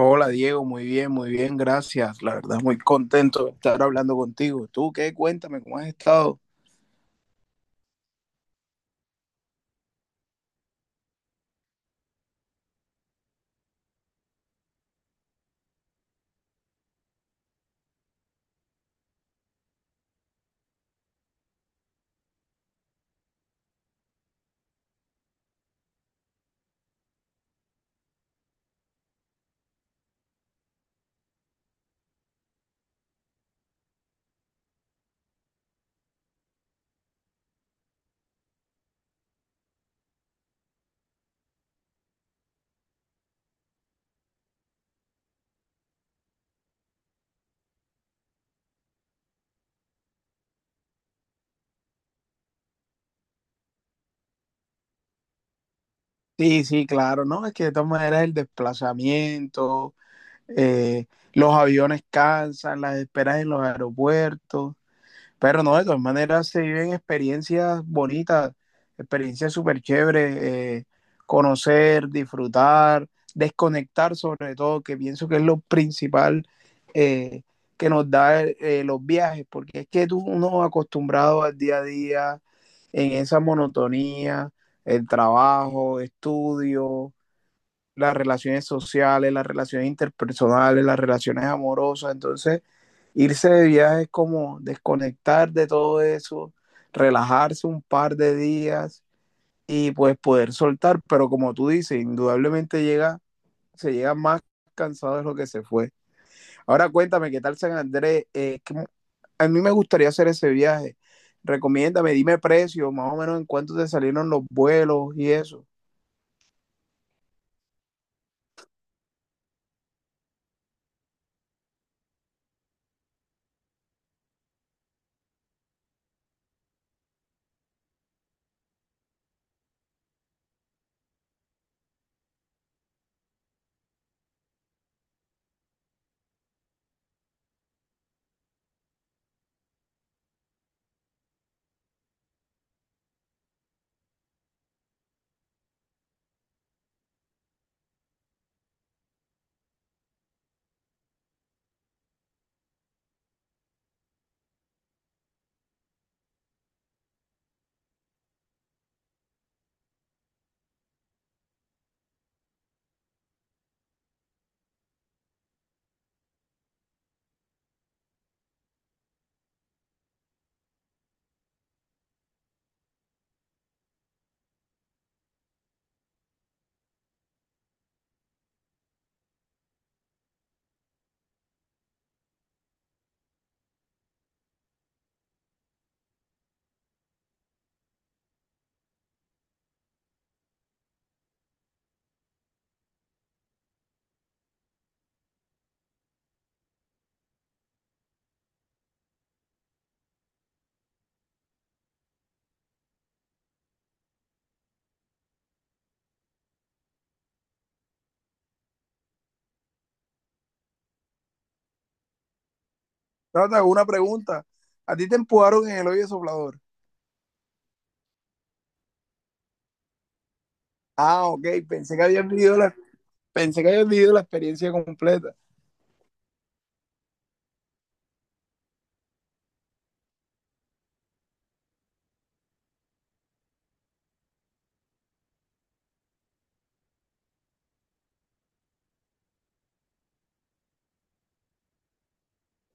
Hola Diego, muy bien, gracias. La verdad, muy contento de estar hablando contigo. ¿Tú qué? Cuéntame, ¿cómo has estado? Sí, sí, claro, ¿no? Es que de todas maneras el desplazamiento, eh, los aviones cansan, las esperas en los aeropuertos. Pero no, de todas maneras se viven experiencias bonitas, experiencias súper chéveres, conocer, disfrutar, desconectar sobre todo, que pienso que es lo principal eh, que nos da los viajes, porque es que tú uno acostumbrado al día a día, en esa monotonía, el trabajo, estudio, las relaciones sociales, las relaciones interpersonales, las relaciones amorosas. Entonces, irse de viaje es como desconectar de todo eso, relajarse un par de días y pues poder soltar. Pero como tú dices, indudablemente llega, se llega más cansado de lo que se fue. Ahora cuéntame, ¿qué tal San Andrés? Que a mí me gustaría hacer ese viaje. Recomiéndame, dime precio, más o menos en cuánto te salieron los vuelos y eso. Trata, una pregunta. ¿A ti te empujaron en el hoyo soplador? Ah, ok, pensé que habías vivido pensé que habías vivido la experiencia completa.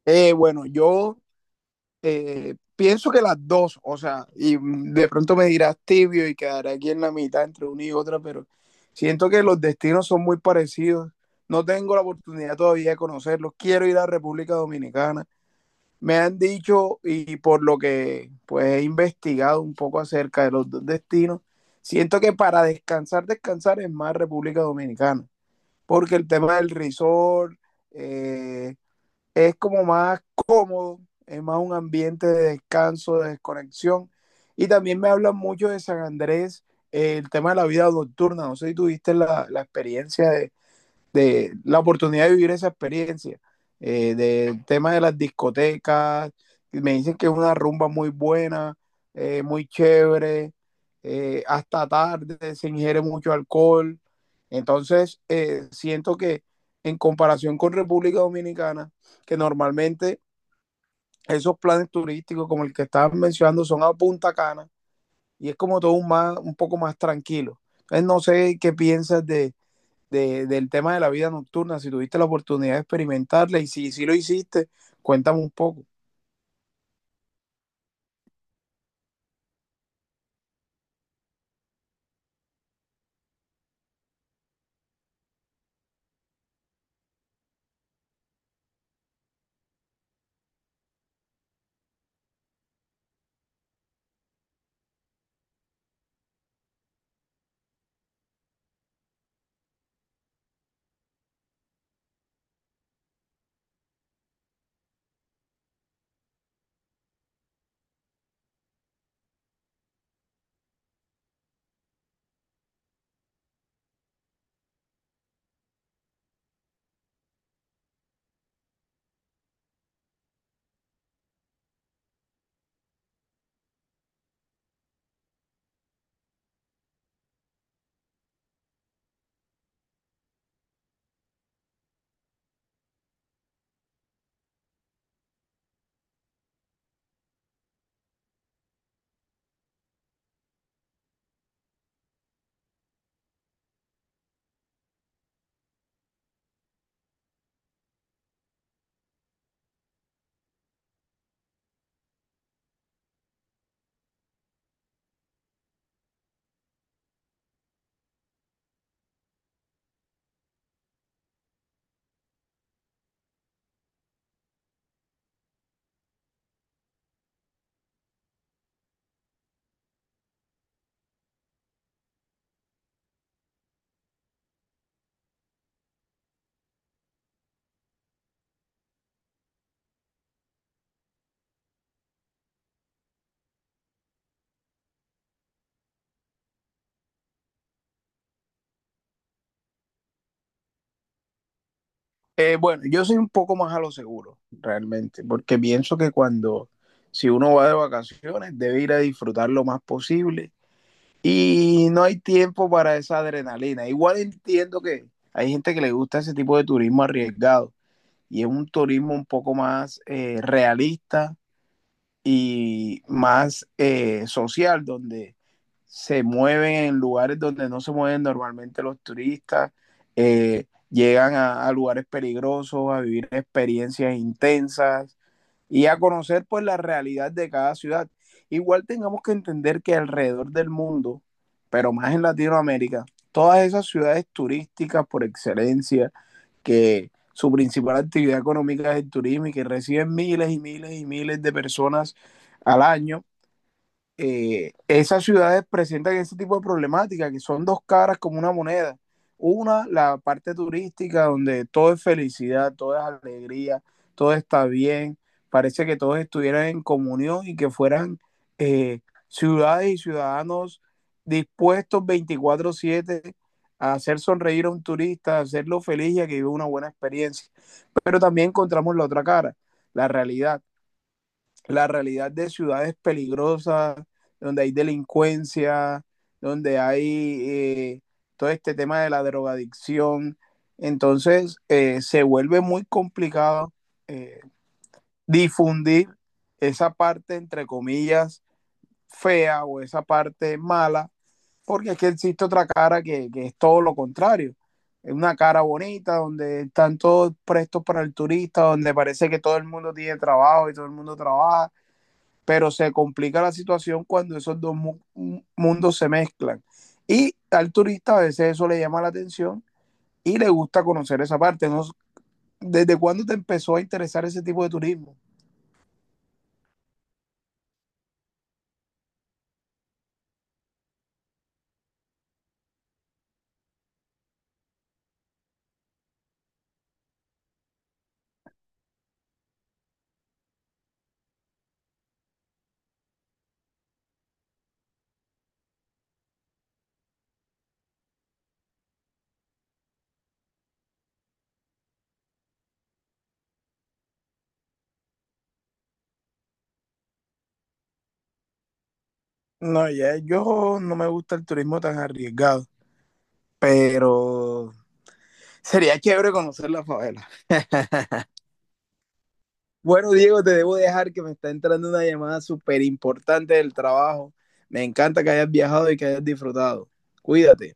Bueno, yo pienso que las dos, o sea, y mm, de pronto me dirás tibio y quedaré aquí en la mitad entre una y otra, pero siento que los destinos son muy parecidos. No tengo la oportunidad todavía de conocerlos. Quiero ir a República Dominicana. Me han dicho y por lo que pues he investigado un poco acerca de los dos destinos, siento que para descansar, descansar es más República Dominicana, porque el tema del resort eh, es como más cómodo, es más un ambiente de descanso, de desconexión. Y también me hablan mucho de San Andrés, el tema de la vida nocturna. No sé si tuviste la experiencia de la oportunidad de vivir esa experiencia, del tema de las discotecas, me dicen que es una rumba muy buena, muy chévere, hasta tarde se ingiere mucho alcohol, entonces siento que en comparación con República Dominicana, que normalmente esos planes turísticos como el que estabas mencionando son a Punta Cana y es como todo un, más, un poco más tranquilo. Entonces, no sé qué piensas de, del tema de la vida nocturna, si tuviste la oportunidad de experimentarla y si, si lo hiciste, cuéntame un poco. Bueno, yo soy un poco más a lo seguro, realmente, porque pienso que cuando, si uno va de vacaciones, debe ir a disfrutar lo más posible y no hay tiempo para esa adrenalina. Igual entiendo que hay gente que le gusta ese tipo de turismo arriesgado y es un turismo un poco más realista, y más social, donde se mueven en lugares donde no se mueven normalmente los turistas, llegan a, lugares peligrosos, a vivir experiencias intensas, y a conocer pues la realidad de cada ciudad. Igual tengamos que entender que alrededor del mundo, pero más en Latinoamérica, todas esas ciudades turísticas por excelencia, que su principal actividad económica es el turismo y que reciben miles y miles y miles de personas al año, esas ciudades presentan ese tipo de problemáticas, que son dos caras como una moneda. Una, la parte turística, donde todo es felicidad, todo es alegría, todo está bien, parece que todos estuvieran en comunión y que fueran eh, ciudades y ciudadanos dispuestos 24/7 a hacer sonreír a un turista, a hacerlo feliz y a que viva una buena experiencia. Pero también encontramos la otra cara, la realidad, la realidad de ciudades peligrosas, donde hay delincuencia, donde hay todo este tema de la drogadicción. Entonces, se vuelve muy complicado eh, difundir esa parte, entre comillas, fea o esa parte mala, porque es que existe otra cara que es todo lo contrario. Es una cara bonita donde están todos prestos para el turista, donde parece que todo el mundo tiene trabajo y todo el mundo trabaja, pero se complica la situación cuando esos mundos se mezclan. Y al turista a veces eso le llama la atención y le gusta conocer esa parte. No, ¿desde cuándo te empezó a interesar ese tipo de turismo? No, ya yo no me gusta el turismo tan arriesgado, pero sería chévere conocer la favela. Bueno, Diego, te debo dejar que me está entrando una llamada súper importante del trabajo. Me encanta que hayas viajado y que hayas disfrutado. Cuídate.